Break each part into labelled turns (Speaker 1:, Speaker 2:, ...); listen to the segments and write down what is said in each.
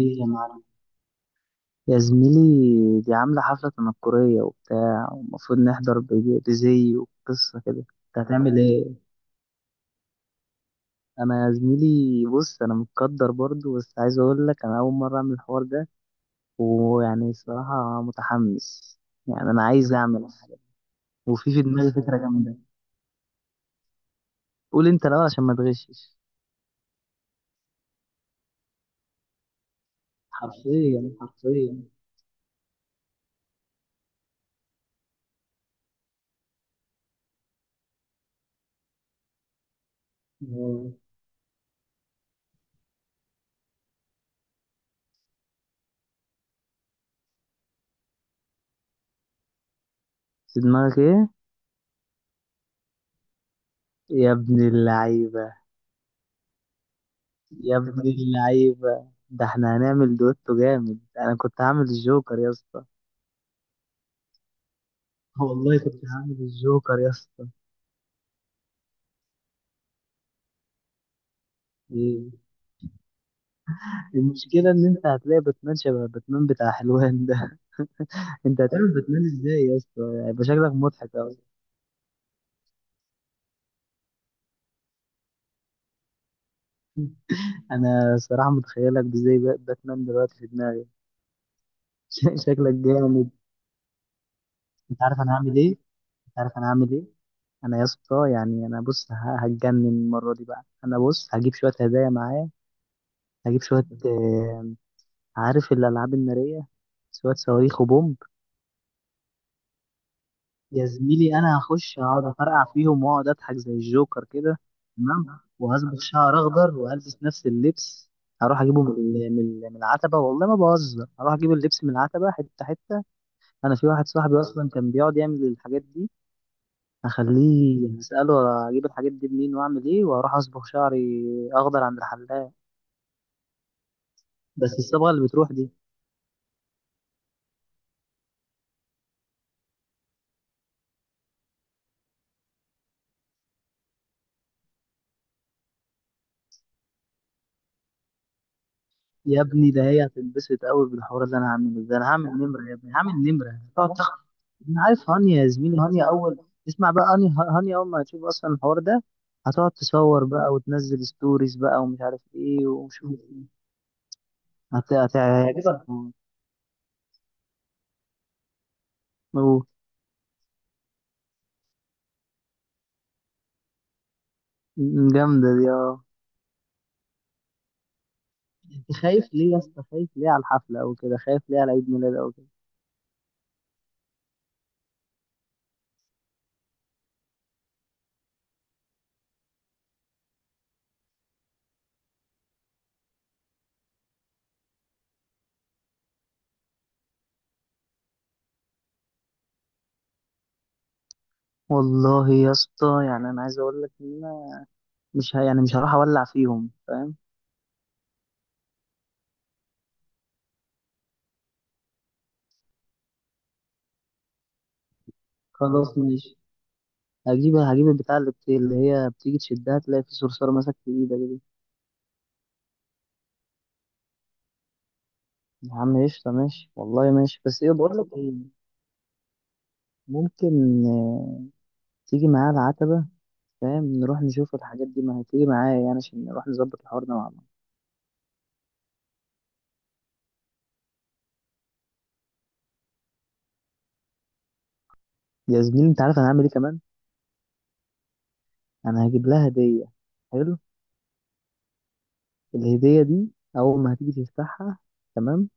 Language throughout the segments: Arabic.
Speaker 1: ايه يا معلم، يا زميلي دي عاملة حفلة تنكرية وبتاع، ومفروض نحضر بزي وقصة كده. انت هتعمل ايه؟ انا يا زميلي بص، انا متقدر برضو، بس عايز اقول لك انا اول مرة اعمل الحوار ده. ويعني الصراحة متحمس. يعني انا عايز اعمل حاجة. وفي في دماغي فكرة جامدة. قول انت الاول عشان ما تغشش. حرفيا حرفيا. آه. في دماغك ايه؟ يا ابن اللعيبة. يا ابن اللعيبة، ده احنا هنعمل دويتو جامد. انا كنت هعمل الجوكر يا اسطى. والله كنت هعمل الجوكر يا اسطى. ايه. المشكلة ان انت هتلاقي باتمان شبه باتمان بتاع حلوان ده. انت هتعمل باتمان ازاي يا اسطى؟ هيبقى شكلك مضحك اوي. انا صراحة متخيلك ازاي باتمان دلوقتي في دماغي. شكلك جامد. انت عارف انا هعمل ايه؟ انت عارف انا هعمل ايه؟ انا يا اسطى يعني انا بص، هتجنن المره دي بقى. انا بص هجيب شويه هدايا معايا. هجيب شويه، عارف الالعاب الناريه، شويه صواريخ وبومب. يا زميلي انا هخش هقعد افرقع فيهم واقعد اضحك زي الجوكر كده. تمام. وهظبط شعر اخضر والبس نفس اللبس. هروح اجيبه من العتبه، والله ما بهزر. هروح اجيب اللبس من العتبه حته حته. انا في واحد صاحبي اصلا كان بيقعد يعمل الحاجات دي. هخليه اساله اجيب الحاجات دي منين واعمل ايه، واروح اصبغ شعري اخضر عند الحلاق. بس الصبغه اللي بتروح دي. يا ابني، ده هي هتنبسط قوي بالحوار اللي انا هعمله ده. انا هعمل نمره يا ابني، هعمل نمره تقعد تخ... انا عارف هانيا يا زميلي. هانيا اول، اسمع بقى. هانيا اول ما هتشوف اصلا الحوار ده، هتقعد تصور بقى وتنزل ستوريز بقى ومش عارف ايه، ومش هيعجبك. و- جامده دي. اه. انت خايف ليه يا اسطى؟ خايف ليه على الحفله او كده؟ خايف ليه على عيد ميلاد او كده؟ والله يا اسطى يعني انا عايز اقول لك ان انا مش ه... يعني مش هروح اولع فيهم، فاهم. خلاص ماشي. هجيب البتاع اللي هي بتيجي تشدها تلاقي في صرصار ماسك في ايدك دي. يا عم قشطة ماشي، والله ماشي. بس ايه بقول لك ايه؟ ممكن تيجي معايا العتبة. فاهم؟ نروح نشوف الحاجات دي، ما هتيجي معايا يعني عشان نروح نظبط الحوار ده مع بعض. يا زميلي انت عارف انا هعمل ايه كمان؟ انا هجيب لها هدية. حلو. الهدية دي اول ما هتيجي تفتحها، تمام،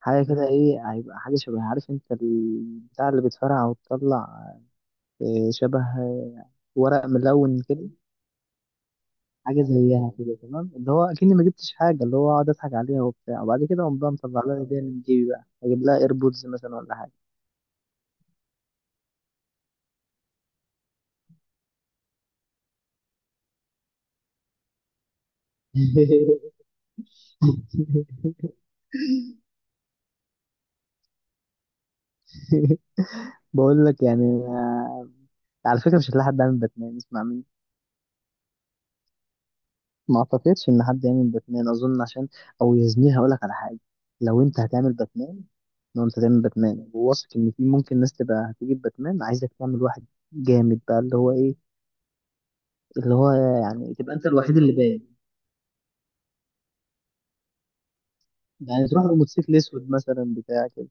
Speaker 1: حاجة كده ايه، هيبقى حاجة شبه عارف انت البتاع اللي بتفرقع وتطلع، شبه ورق ملون كده. حاجه زيها كده تمام. اللي هو اكني ما جبتش حاجه، اللي هو اقعد اضحك عليها وبتاع، وبعد كده اقوم بقى مطلع لها هديه من جيبي بقى، اجيب لها ايربودز مثلا ولا حاجه. بقول لك يعني على فكره مش هتلاقي حد عامل باتمان، اسمع مني. ما اعتقدش ان حد يعمل باتمان اظن عشان. او يا زميلي، هقول لك على حاجه. لو انت هتعمل باتمان، لو انت هتعمل باتمان وواثق ان في ممكن ناس تبقى هتجيب باتمان، عايزك تعمل واحد جامد بقى اللي هو ايه، اللي هو يعني تبقى انت الوحيد اللي باين. يعني تروح بموتوسيكل اسود مثلا بتاع كده.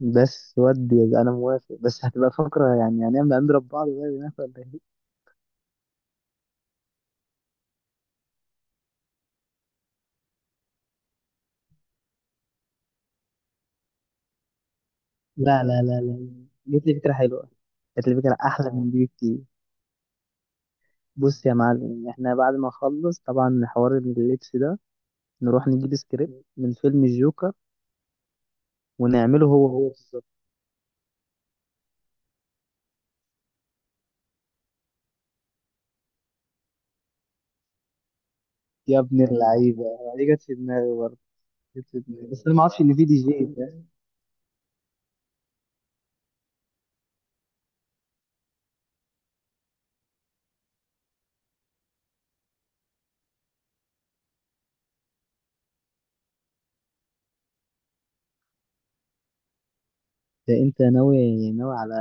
Speaker 1: بس ودي يبقى انا موافق، بس هتبقى فقرة يعني، هنضرب بعض بقى هناك ولا ايه؟ لا لا لا لا، جت لي فكرة حلوة. جت لي فكرة احلى من دي بكتير. بص يا معلم، احنا بعد ما نخلص طبعا حوار اللبس ده، نروح نجيب سكريبت من فيلم الجوكر ونعمله هو هو بالظبط. يا ابن اللعيبة، دي جت في دماغي برضه. جت في دماغي، بس انا ما اعرفش ان في دي جي ده. ده انت ناوي ناوي على،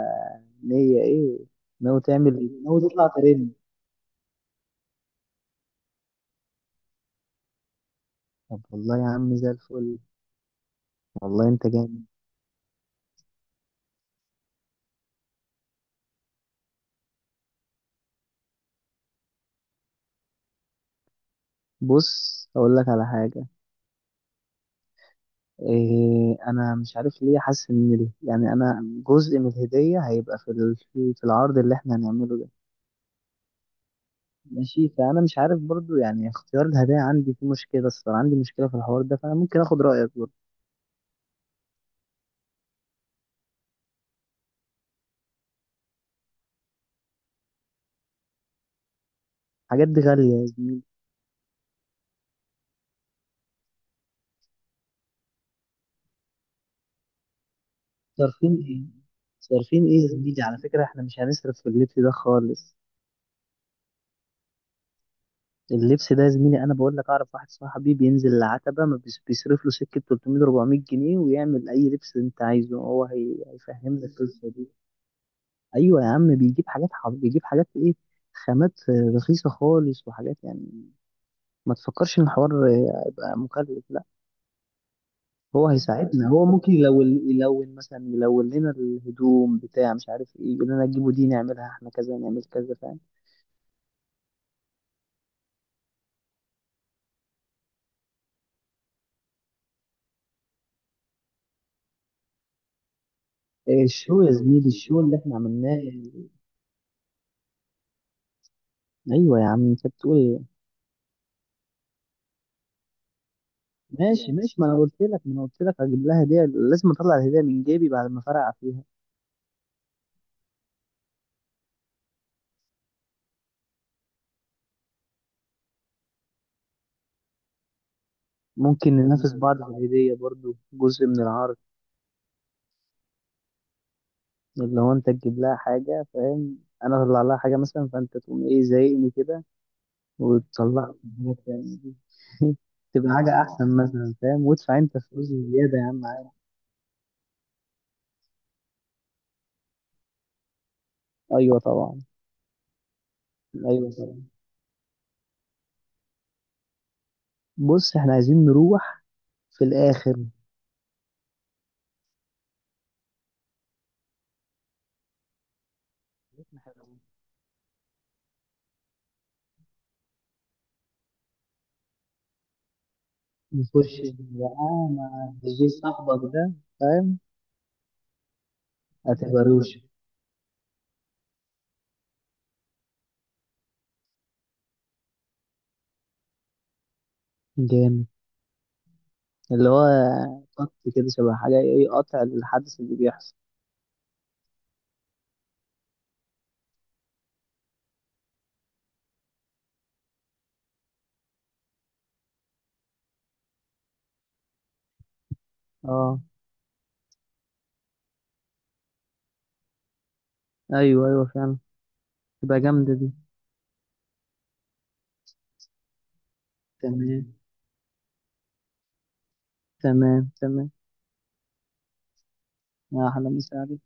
Speaker 1: نية ايه؟ ناوي تعمل إيه؟ ناوي تطلع ترند؟ طب والله يا عم زي الفل. والله انت جامد. بص اقول لك على حاجه. إيه، انا مش عارف ليه حاسس ان يعني انا جزء من الهديه هيبقى في ال- في في العرض اللي احنا هنعمله ده. ماشي، فانا مش عارف برضو يعني اختيار الهدايا عندي فيه مشكله الصراحه، عندي مشكله في الحوار ده. فانا ممكن اخد رايك برضو. الحاجات دي غاليه يا زميلي. صارفين ايه؟ صارفين ايه يا زميلي؟ على فكره احنا مش هنصرف في اللبس ده خالص. اللبس ده يا زميلي انا بقول لك، اعرف واحد صاحبي بينزل العتبه ما بيصرف له سكه 300 400 جنيه ويعمل اي لبس انت عايزه. هو هيفهم لك القصه دي. ايوه يا عم، بيجيب حاجات ايه، خامات، رخيصه خالص، وحاجات يعني. ما تفكرش ان الحوار هيبقى مكلف، لا. هو هيساعدنا. هو ممكن يلون مثلا، يلون لنا الهدوم بتاع مش عارف ايه، يقول لنا جيبوا دي نعملها احنا كذا، نعمل كذا. فاهم؟ آه، الشو يا زميلي، الشو اللي احنا عملناه. ايوه يا عم، انت بتقول إيه؟ ماشي ماشي. ما انا قلت لك هجيب لها هديه، لازم اطلع الهديه من جيبي بعد ما فرقع فيها. ممكن ننافس بعض في الهديه، برضو جزء من العرض. اللي هو انت تجيب لها حاجه، فاهم. انا اطلع لها حاجه مثلا، فانت تقوم ايه زايقني كده، وتطلع لي حاجه تانية. تبقى حاجه احسن مثلا، فاهم. وادفع انت فلوس زياده يا عم عادي. ايوه طبعا. ايوه طبعا. بص احنا عايزين نروح في الاخر. نخش بقى مع الجي صاحبك ده، فاهم؟ هتبقى روش. جامد. اللي هو قط كده شبه حاجة ايه، قطع الحدث اللي بيحصل. اه. ايوه ايوه فعلا. تبقى جامدة دي. تمام تمام تمام. احلى مساعدة.